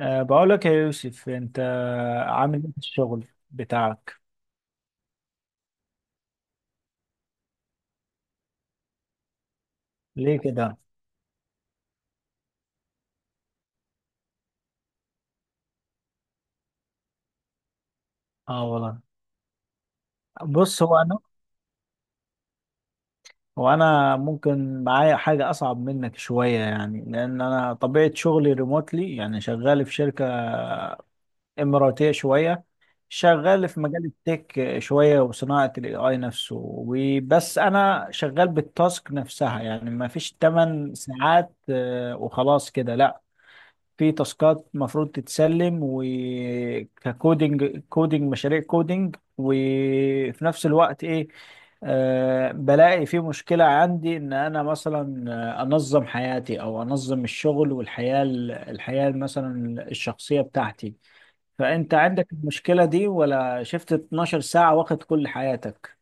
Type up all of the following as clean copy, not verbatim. بقول لك يا يوسف، انت عامل ايه في الشغل بتاعك؟ ليه كده؟ اه والله. بص، هو انا ممكن معايا حاجه اصعب منك شويه، يعني لان انا طبيعه شغلي ريموتلي، يعني شغال في شركه اماراتيه شويه، شغال في مجال التك شويه وصناعه الاي اي نفسه. وبس انا شغال بالتاسك نفسها، يعني ما فيش 8 ساعات وخلاص كده، لا. في تاسكات المفروض تتسلم، وككودينج مشاريع كودينج، وفي نفس الوقت ايه، بلاقي في مشكلة عندي ان انا مثلا انظم حياتي او انظم الشغل والحياة، الحياة مثلا الشخصية بتاعتي. فانت عندك المشكلة دي، ولا شفت 12 ساعة واخد كل حياتك؟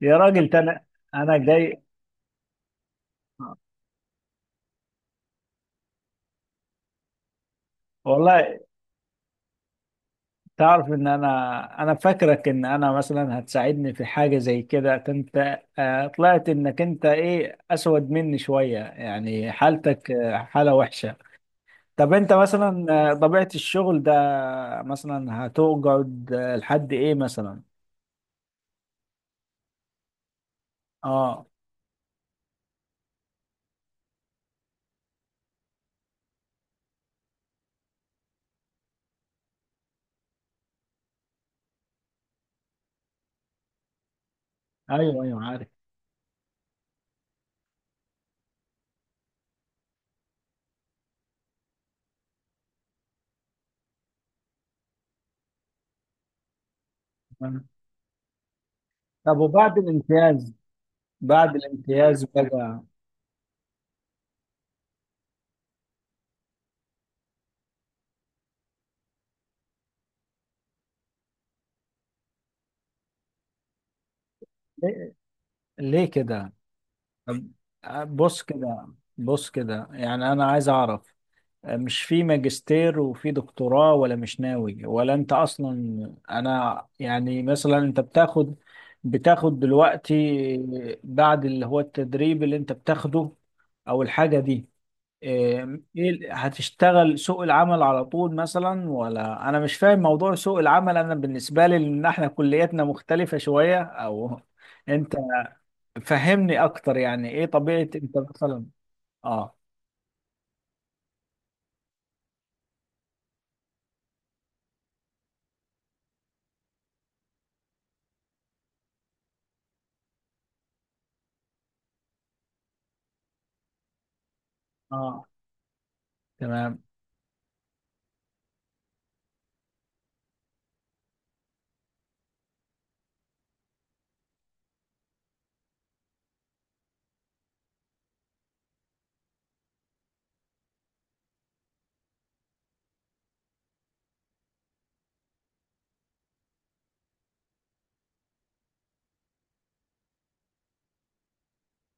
يا راجل، ده انا انا جاي. والله، تعرف ان انا فاكرك ان انا مثلا هتساعدني في حاجه زي كده؟ انت طلعت انك انت ايه، اسود مني شويه، يعني حالتك حاله وحشه. طب انت مثلا طبيعه الشغل ده مثلا هتقعد لحد ايه مثلا؟ اه، ايوه ايوه، عارف. تمام. طب وبعد الامتياز، بعد الامتياز بقى؟ ليه، ليه كده؟ طب بص كده، بص كده، يعني انا عايز اعرف، مش في ماجستير وفي دكتوراه، ولا مش ناوي، ولا انت اصلا؟ انا يعني مثلا انت بتاخد دلوقتي بعد اللي هو التدريب اللي انت بتاخده، او الحاجة دي، اه، ايه هتشتغل سوق العمل على طول مثلا، ولا انا مش فاهم موضوع سوق العمل؟ انا بالنسبة لي ان احنا كلياتنا مختلفة شوية، او انت فهمني اكتر، يعني ايه طبيعة انت مثلا؟ اه، اه، تمام.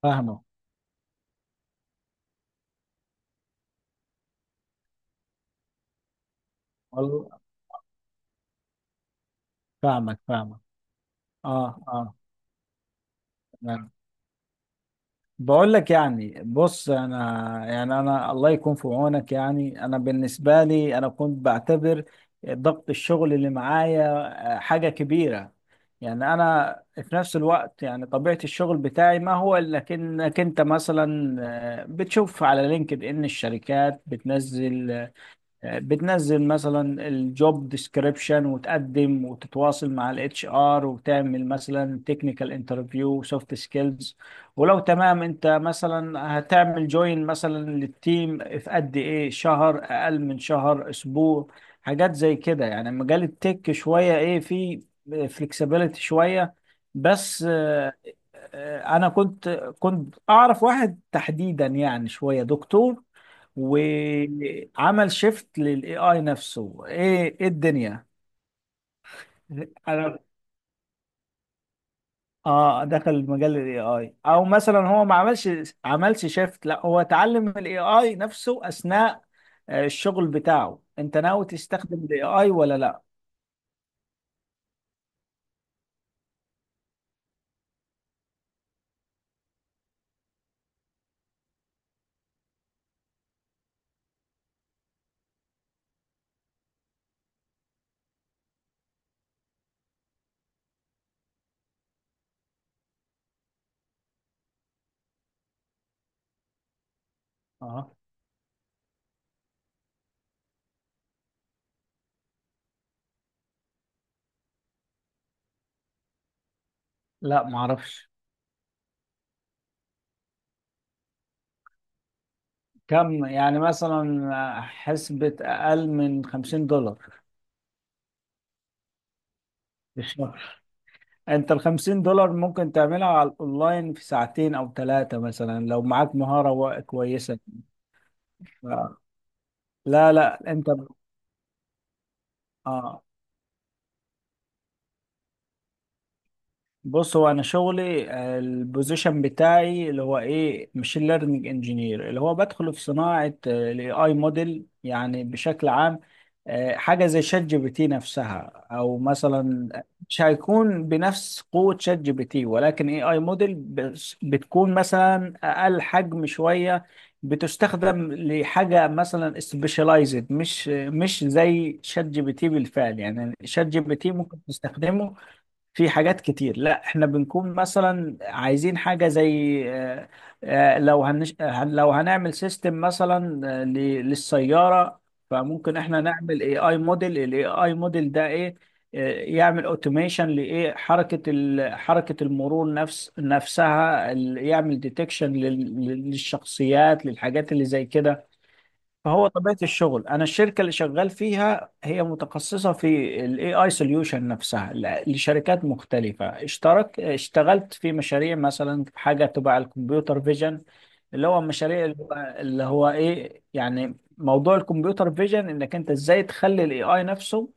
فاهمه. والله فاهمك، فاهمك. اه، اه، تمام. بقول لك، يعني بص، انا يعني انا الله يكون في عونك. يعني انا بالنسبه لي انا كنت بعتبر ضغط الشغل اللي معايا حاجه كبيره. يعني انا في نفس الوقت، يعني طبيعه الشغل بتاعي ما هو الا انك انت مثلا بتشوف على لينكد ان الشركات بتنزل مثلا الجوب ديسكريبشن، وتقدم وتتواصل مع الاتش ار، وتعمل مثلا تكنيكال انترفيو، سوفت سكيلز، ولو تمام انت مثلا هتعمل جوين مثلا للتيم في قد ايه، شهر، اقل من شهر، اسبوع، حاجات زي كده. يعني مجال التك شوية ايه فيه، فليكسيبيليتي شوية. بس انا كنت اعرف واحد تحديدا، يعني شوية دكتور، وعمل شيفت للاي اي نفسه، ايه ايه الدنيا. انا، اه، دخل مجال الاي اي، او مثلا هو ما عملش شيفت، لا هو اتعلم الاي اي نفسه اثناء الشغل بتاعه. انت ناوي تستخدم الاي اي ولا لا؟ اه، لا ما اعرفش. كم يعني مثلا، حسبة اقل من 50 دولار في الشهر؟ انت ال 50 دولار ممكن تعملها على الاونلاين في ساعتين او ثلاثة مثلا، لو معاك مهارة كويسة. آه. لا لا، انت، اه، بص، هو انا شغلي البوزيشن بتاعي اللي هو ايه، ماشين ليرنينج انجينير، اللي هو بدخل في صناعه الاي اي موديل يعني بشكل عام، حاجه زي شات جي بي تي نفسها، او مثلا مش هيكون بنفس قوه شات جي بي تي، ولكن اي اي موديل بتكون مثلا اقل حجم شويه، بتستخدم لحاجه مثلا سبيشاليزد، مش زي شات جي بي تي بالفعل. يعني شات جي بي تي ممكن تستخدمه في حاجات كتير. لا، احنا بنكون مثلا عايزين حاجة زي لو هنعمل سيستم مثلا للسيارة. فممكن احنا نعمل اي اي موديل. الاي اي موديل ده ايه، يعمل اوتوميشن لايه، حركة المرور نفس نفسها، يعمل ديتكشن للشخصيات، للحاجات اللي زي كده. فهو طبيعة الشغل، أنا الشركة اللي شغال فيها هي متخصصة في ال AI solution نفسها، لشركات مختلفة. اشتغلت في مشاريع مثلا في حاجة تبع الكمبيوتر فيجن، اللي هو مشاريع اللي هو إيه، يعني موضوع الكمبيوتر فيجن، إنك أنت إزاي تخلي ال AI نفسه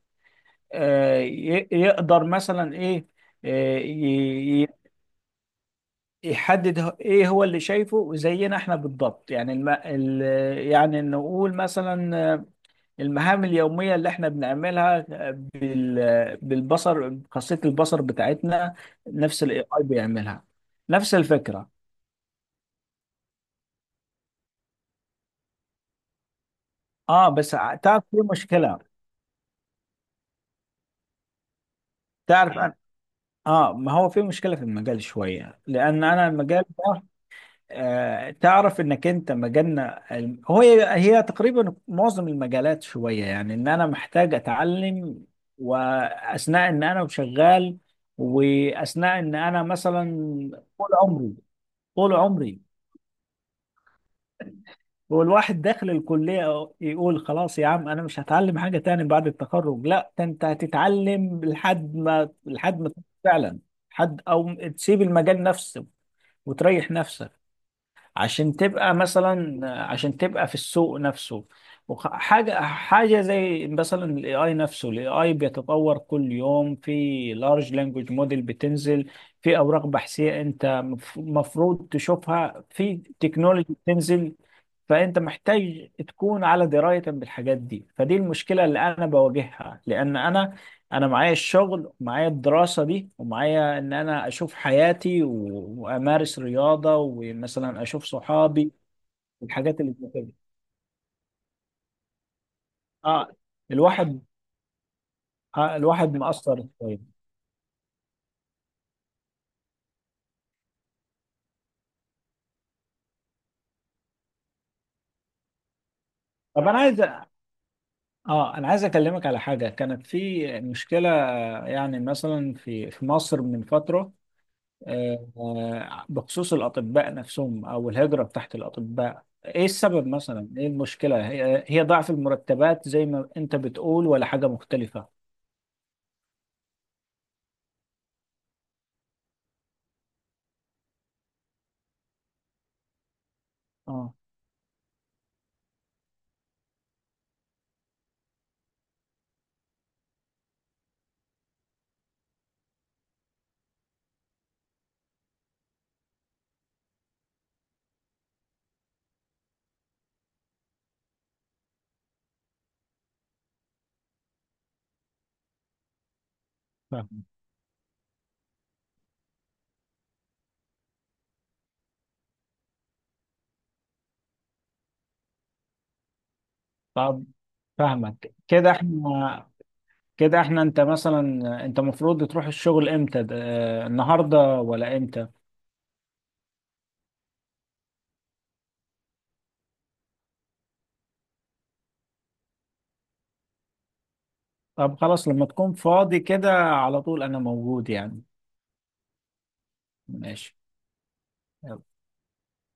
يقدر مثلا إيه، آه، ي- ي- يحدد ايه هو اللي شايفه، زينا احنا بالضبط. يعني يعني نقول مثلا المهام اليومية اللي احنا بنعملها بالبصر، خاصية البصر بتاعتنا، نفس الاي اي بيعملها، نفس الفكرة. اه بس تعرف في مشكلة. تعرف أنا، اه، ما هو في مشكلة في المجال شوية، لأن أنا المجال ده تعرف إنك أنت مجالنا هو، هي تقريبا معظم المجالات شوية، يعني إن أنا محتاج أتعلم وأثناء إن أنا شغال، وأثناء إن أنا مثلا طول عمري، طول عمري. والواحد داخل الكلية يقول خلاص، يا عم أنا مش هتعلم حاجة تاني بعد التخرج. لا، ده أنت هتتعلم لحد ما، لحد ما تموت فعلا حد، أو تسيب المجال نفسه وتريح نفسك، عشان تبقى مثلا، عشان تبقى في السوق نفسه. حاجة، حاجة زي مثلا الاي اي نفسه، الاي اي بيتطور كل يوم، في لارج لانجوج موديل بتنزل، في اوراق بحثية انت مفروض تشوفها، في تكنولوجي بتنزل. فانت محتاج تكون على درايه بالحاجات دي. فدي المشكله اللي انا بواجهها، لان انا معايا الشغل، ومعايا الدراسه دي، ومعايا ان انا اشوف حياتي وامارس رياضه، ومثلا اشوف صحابي، الحاجات اللي زي كده. اه، الواحد، الواحد مقصر شويه. طب انا عايز، اه انا عايز اكلمك على حاجه كانت في مشكله، يعني مثلا في في مصر من فتره، بخصوص الأطباء نفسهم، أو الهجرة بتاعت الأطباء، إيه السبب مثلا؟ إيه المشكلة؟ هي ضعف المرتبات زي ما أنت بتقول، ولا حاجة مختلفة؟ آه فاهمك. طب فاهمك، كده إحنا، كده إحنا، أنت مثلا، أنت المفروض تروح الشغل إمتى؟ النهاردة ولا إمتى؟ طب خلاص، لما تكون فاضي كده على طول أنا موجود يعني. ماشي.